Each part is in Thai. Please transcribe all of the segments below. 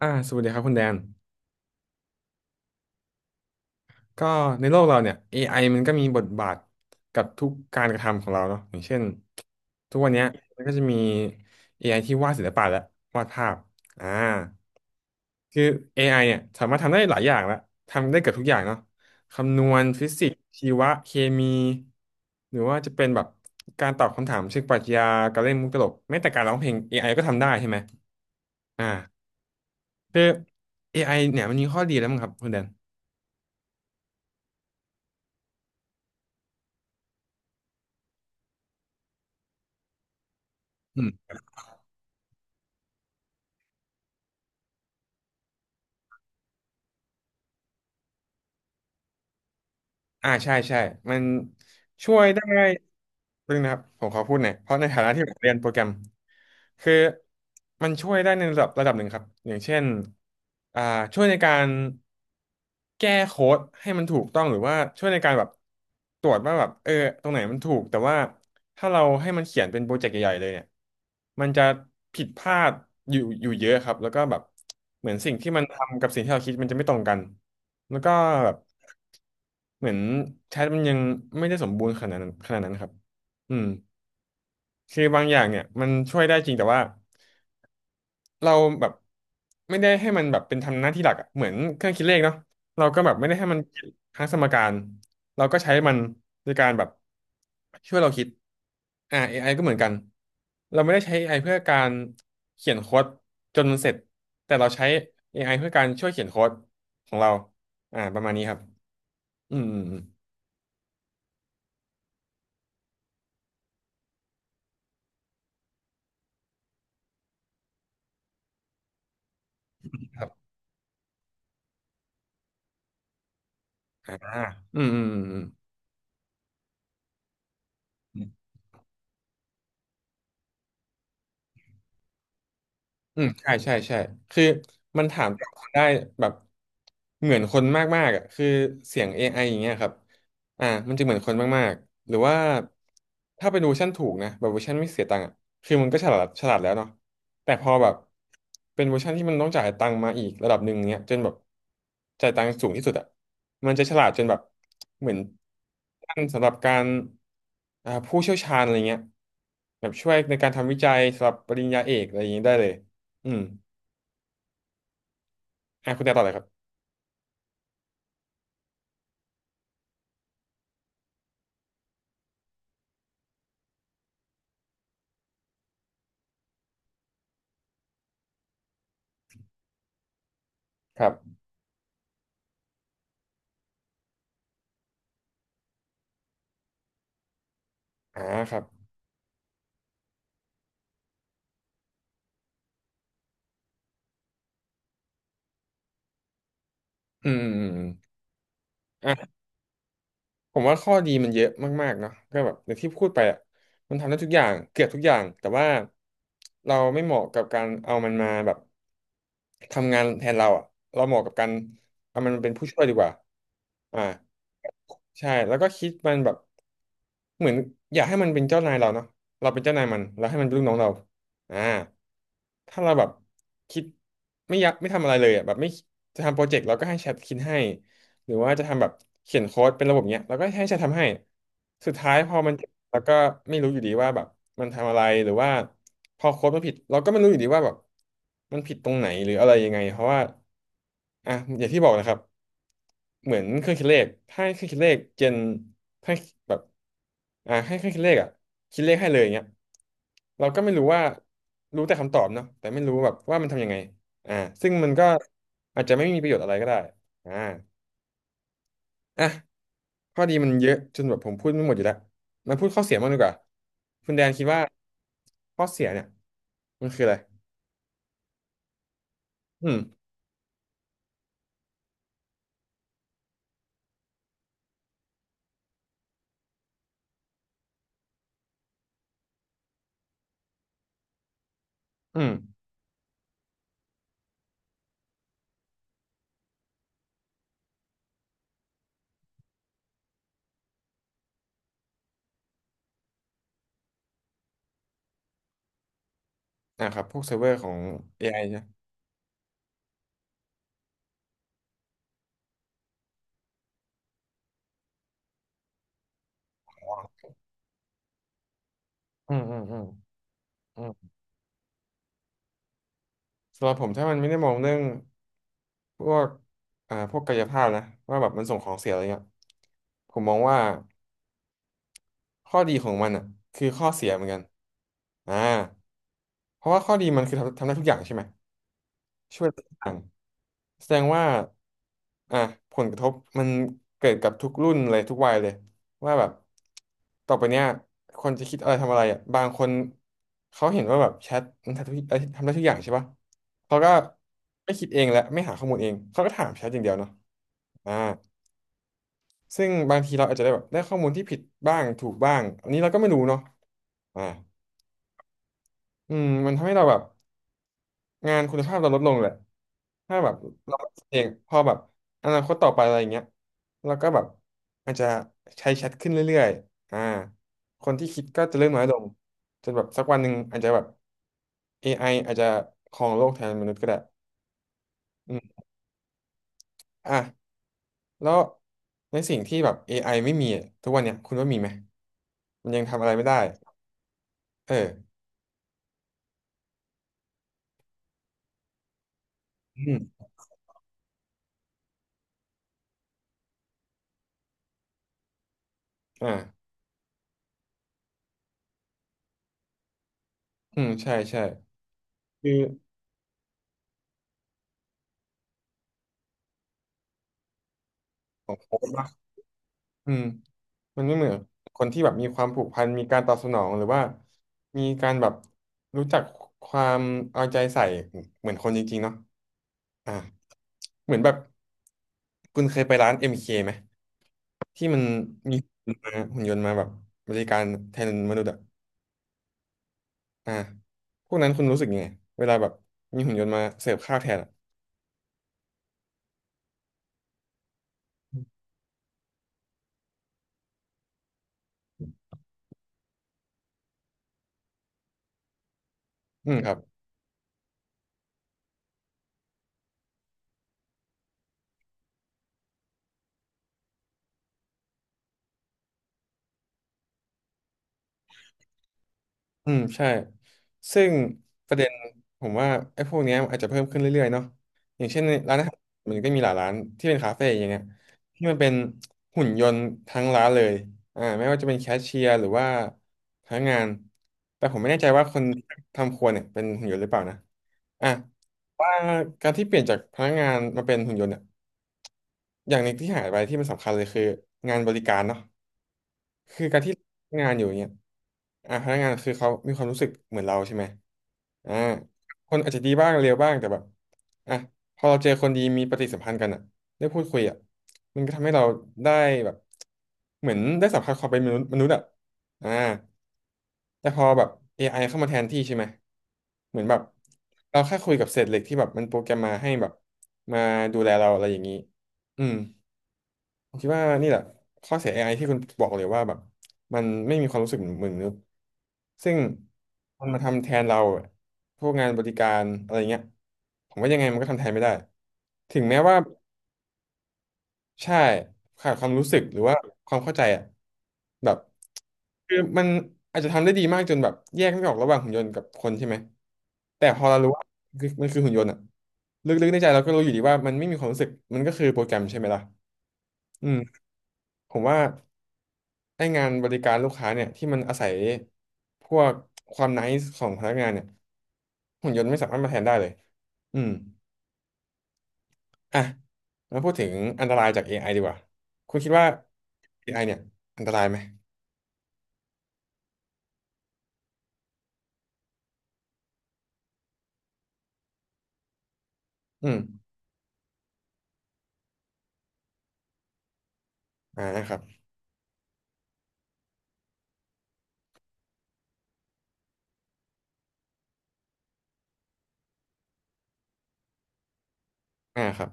สวัสดีครับคุณแดนก็ในโลกเราเนี่ย AI มันก็มีบทบาทกับทุกการกระทำของเราเนาะอย่างเช่นทุกวันเนี้ยมันก็จะมี AI ที่วาดศิลปะแล้ววาดภาพ อ่า คือ AI เนี่ยสามารถทำได้หลายอย่างละทำได้เกือบทุกอย่างเนาะคำนวณฟิสิกส์ชีวะเคมี หรือว่าจะเป็นแบบการตอบคำถามเชิงปรัชญาการเล่นมุกตลกแม้แต่การร้องเพลง AI ก็ทำได้ใช่ไหมอ่าคือ AI เนี่ยมันมีข้อดีแล้วมั้งครับคุณแดน ใช่ใช่มันช่วยได้เพิ่งนะครับผมขอพูดหน่อยเพราะในฐานะที่ผมเรียนโปรแกรมคือมันช่วยได้ในระดับหนึ่งครับอย่างเช่นอ่าช่วยในการแก้โค้ดให้มันถูกต้องหรือว่าช่วยในการแบบตรวจว่าแบบตรงไหนมันถูกแต่ว่าถ้าเราให้มันเขียนเป็นโปรเจกต์ใหญ่ๆเลยเนี่ยมันจะผิดพลาดอยู่เยอะครับแล้วก็แบบเหมือนสิ่งที่มันทำกับสิ่งที่เราคิดมันจะไม่ตรงกันแล้วก็แบบ เหมือนแชทมันยังไม่ได้สมบูรณ์ขนาดนั้นครับอืมคือบางอย่างเนี่ยมันช่วยได้จริงแต่ว่าเราแบบไม่ได้ให้มันแบบเป็นทำหน้าที่หลักอะเหมือนเครื่องคิดเลขเนาะเราก็แบบไม่ได้ให้มันคิดทั้งสมการเราก็ใช้มันในการแบบช่วยเราคิดAI ก็เหมือนกันเราไม่ได้ใช้ AI เพื่อการเขียนโค้ดจนมันเสร็จแต่เราใช้ AI เพื่อการช่วยเขียนโค้ดของเราประมาณนี้ครับอืมอืมอืมครับ อ่าอืมอืมอืมอืมอืม อืมใช่ใช่ใช่คือมันถามตอบได้แบบเหมือนคนมากๆอ่ะคือเสียง AI อไออย่างเงี้ยครับมันจะเหมือนคนมากๆหรือว่าถ้าเป็นเวอร์ชันถูกนะแบบเวอร์ชันไม่เสียตังค์อ่ะคือมันก็ฉลาดฉลาดแล้วเนาะแต่พอแบบเป็นเวอร์ชันที่มันต้องจ่ายตังค์มาอีกระดับหนึ่งเงี้ยจนแบบจ่ายตังค์สูงที่สุดอ่ะมันจะฉลาดจนแบบเหมือนท่านสำหรับการผู้เชี่ยวชาญอะไรเงี้ยแบบช่วยในการทำวิจัยสำหรับปริญญาเอกอะไรอย่างเงี้ยได้เลย อืม อ่ะคุณแต่ต่อเลยครับ ครับอ่าครับ อืม อืม อืมอ่ะ ผมว่าข้อดีมันเยอะมากๆเนาะก็แบบอย่างที่พูดไปอ่ะมันทำได้ทุกอย่างเกือบทุกอย่างแต่ว่าเราไม่เหมาะกับการเอามันมาแบบทำงานแทนเราอ่ะเราเหมาะกับการเอามันมาเป็นผู้ช่วยดีกว่าอ่าใช่แล้วก็คิดมันแบบเหมือนอยากให้มันเป็นเจ้านายเราเนาะเราเป็นเจ้านายมันแล้วให้มันเป็นลูกน้องเราอ่าถ้าเราแบบคิดไม่อยากไม่ทำอะไรเลยอ่ะแบบไม่จะทำโปรเจกต์เราก็ให้แชทคิดให้ หรือว่าจะทำแบบเขียนโค้ดเป็นระบบเนี้ยแล้วก็ให้ฉันทำให้สุดท้ายพอมันเจ็บแล้วก็ไม่รู้อยู่ดีว่าแบบมันทำอะไรหรือว่าพอโค้ดมันผิดเราก็ไม่รู้อยู่ดีว่าแบบมันผิดตรงไหนหรืออะไรยังไงเพราะว่าอ่ะอย่างที่บอกนะครับเหมือนเครื่องคิดเลขถ้าให้เครื่องคิดเลขเจนให้แบบอ่ะให้เครื่องคิดเลขอ่ะคิดเลขให้เลยอย่างเงี้ยเราก็ไม่รู้ว่ารู้แต่คำตอบเนาะแต่ไม่รู้แบบว่ามันทำยังไงอ่าซึ่งมันก็อาจจะไม่มีประโยชน์อะไรก็ได้อ่า อ่ะข้อดีมันเยอะจนแบบผมพูดไม่หมดอยู่แล้วมาพูดข้อเสียบ้างดีกว่าคุณแดนคิดว่าข้อเสียเนี่ยมันคืออะไรอืมอืมอ่ะครับพวกเซิร์ฟเวอร์ของ AI นะอืมอืมอืมอืมสำหรับผมถ้ามันไม่ได้มองเรื่องพวกพวกกายภาพนะว่าแบบมันส่งของเสียอะไรเงี้ยผมมองว่าข้อดีของมันอ่ะคือข้อเสียเหมือนกันอ่าเพราะว่าข้อดีมันคือทำได้ทุกอย่างใช่ไหมช่วยได้ทุกอย่าง แสดงว่าอ่ะผลกระทบมันเกิดกับทุกรุ่นเลยทุกวัยเลยว่าแบบต่อไปเนี้ยคนจะคิดอะไรทำอะไรอ่ะบางคนเขาเห็นว่าแบบแชทมันทำได้ทุกอย่างใช่ปะเขาก็ไม่คิดเองและไม่หาข้อมูลเองเขาก็ถามแชทอย่างเดียวเนาะอ่าซึ่งบางทีเราอาจจะได้แบบได้ข้อมูลที่ผิดบ้างถูกบ้างอันนี้เราก็ไม่รู้เนาะอ่าอืมมันทำให้เราแบบ งานคุณภาพเราลดลงแหละถ้าแบบเราเองพอแบบอนาคตต่อไปอะไรอย่างเงี้ยเราก็แบบอาจจะใช้แชทขึ้นเรื่อยๆอ่าคนที่คิดก็จะเริ่มน้อยลงจนแบบสักวันหนึ่งอาจจะแบบ AI อไออาจจะครองโลกแทนมนุษย์ก็ได้อืมอ่ะแล้วในสิ่งที่แบบ AI ไม่มีอะทุกวันเนี้ยคุณว่ามีไหมมันยังทำอะไรไม่ได้เอออืมอ่าอืมใช่ใช่คือของโค้ด อืมมันไม่เหมือนคนที่แบบมีความผูกพันมีการตอบสนองหรือว่ามีการแบบรู้จักความเอาใจใส่เหมือนคนจริงๆเนาะอ่าเหมือนแบบคุณเคยไปร้าน MK ไหมที่มันมีหุ่นยนต์มาแบบบริการแทนมนุษย์อะอ่าพวกนั้นคุณรู้สึกยังไงเวลาแบบมีหุ่นยนต์มาเสิร์ฟข้าวแทนอะอืมครับ อืมใช่ซึ่งประเด็นผมว่าไอ้พวกเนี้ยอาจจะเพิ่มขึ้นเรื่อยๆเนาะอย่างเช่นในร้านอาหารมันก็มีหลายร้านที่เป็นคาเฟ่อย่างเงี้ยที่มันเป็นหุ่นยนต์ทั้งร้านเลยอ่าไม่ว่าจะเป็นแคชเชียร์หรือว่าพนักงานแต่ผมไม่แน่ใจว่าคนทำครัวเนี่ยเป็นหุ่นยนต์หรือเปล่านะอ่ะว่าการที่เปลี่ยนจากพนักงานมาเป็นหุ่นยนต์เนี่ยอย่างหนึ่งที่หายไปที่มันสำคัญเลยคืองานบริการเนาะ คือการที่งานอยู่อย่างเงี้ยอ่ะพนักงานคือเขามีความรู้สึกเหมือนเราใช่ไหมอ่าคนอาจจะดีบ้างเลวบ้างแต่แบบอ่ะพอเราเจอคนดีมีปฏิสัมพันธ์กันอ่ะได้พูดคุยอ่ะมันก็ทำให้เราได้แบบเหมือนได้สัมผัสความเป็นมนุษย์มนุษย์อ่ะอ่าแต่พอแบบ AI เข้ามาแทนที่ใช่ไหมเหมือนแบบเราแค่คุยกับเศษเหล็กที่แบบมันโปรแกรมมาให้แบบมาดูแลเราอะไรอย่างนี้อืม ผมคิดว่านี่แหละข้อเสีย AI ที่คุณบอกเลยว่าแบบมันไม่มีความรู้สึกเหมือนมนุษย์ซึ่งมันมาทำแทนเราพวกงานบริการอะไรเงี้ยผมว่ายังไงมันก็ทำแทนไม่ได้ถึงแม้ว่าใช่ขาดความรู้สึกหรือว่าความเข้าใจอะแบบคือมันอาจจะทำได้ดีมากจนแบบแยกไม่ออกระหว่างหุ่นยนต์กับคนใช่ไหมแต่พอเรารู้ว่าคือมันคือหุ่นยนต์อะลึกๆในใจเราก็รู้อยู่ดีว่ามันไม่มีความรู้สึกมันก็คือโปรแกรมใช่ไหมล่ะอืมผมว่า ให้งานบริการลูกค้าเนี่ยที่มันอาศัยพวกความไนซ์ของพนักงานเนี่ยหุ่นยนต์ไม่สามารถมาแทนได้เลยอืมอ่ะมาพูดถึงอันตรายจาก AI ดีกว่าคุณคิดว่า AI เนี่ยอันตรายไหมอืมอ่าครับอ่าครับ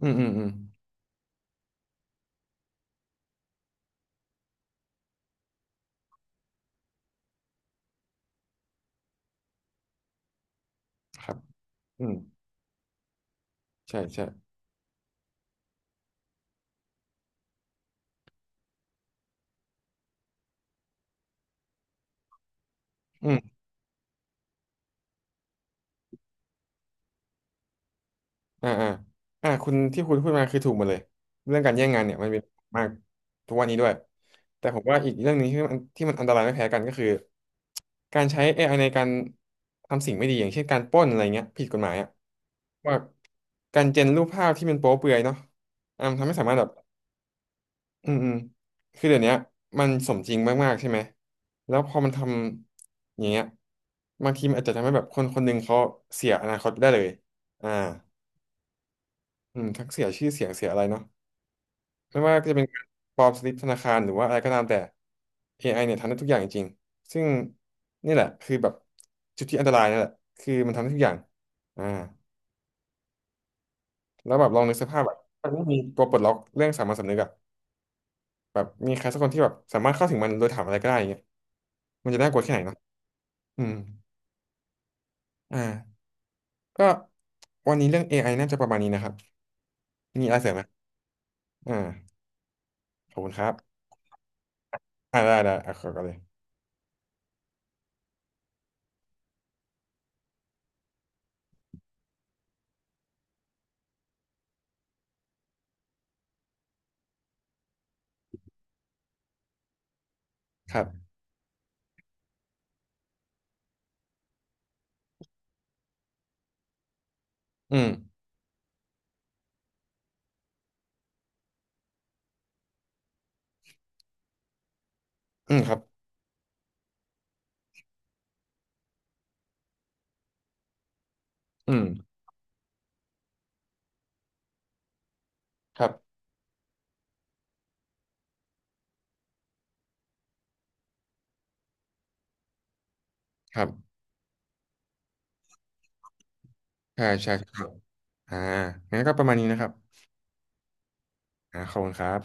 อืมอืมอืมครับอืมใช่ใช่อืม อ่าอ่าอ่าคุณที่คุณพูดมาคือถูกหมดเลยเรื่องการแย่งงานเนี่ยมันเป็นมากทุกวันนี้ด้วยแต่ผมว่าอีกเรื่องหนึ่งที่มันอันตรายไม่แพ้กันก็คือการใช้เอไอในการทำสิ่งไม่ดีอย่างเช่นการปล้นอะไรเงี้ยผิดกฎหมายอะว่าการเจนรูปภาพที่มันโป๊เปลือยเนาะอ่ามันทำให้สามารถแบบอืมอืมคือเดี๋ยวเนี้ยมันสมจริงมากๆใช่ไหมแล้วพอมันทำอย่างเงี้ยบางทีมันอาจจะทำให้แบบคนคนหนึ่งเขาเสียอนาคตไปได้เลยอ่า อืมทั้งเสียชื่อเสียงเสียอะไรเนาะไม่ว่าจะเป็นการปลอมสลิปธนาคารหรือว่าอะไรก็ตามแต่ AI เนี่ยทำได้ทุกอย่างจริงๆซึ่งนี่แหละคือแบบจุดที่อันตรายนั่นแหละคือมันทำได้ทุกอย่างอ่าแล้วแบบลองนึกสภาพแบบถ้าไม่มีตัวปลดล็อกเรื่องสามัญสำนึกอะแบบมีใครสักคนที่แบบสามารถเข้าถึงมันโดยถามอะไรก็ได้อย่างเงี้ยมันจะน่ากลัวแค่ไหนเนาะอืมอ่าก็วันนี้เรื่องเอไ i น่าจะประมาณนี้นะครับมีอะไรเสริมไหมอ่าขอบคุณครับอ่าได้ได้อ่ะขอก่อนเลยครับอืมอืมครับอืมครับครับ ใช่ใช่ครับอ่างั้นก็ประมาณนี้นะครับอ่าขอบคุณครับ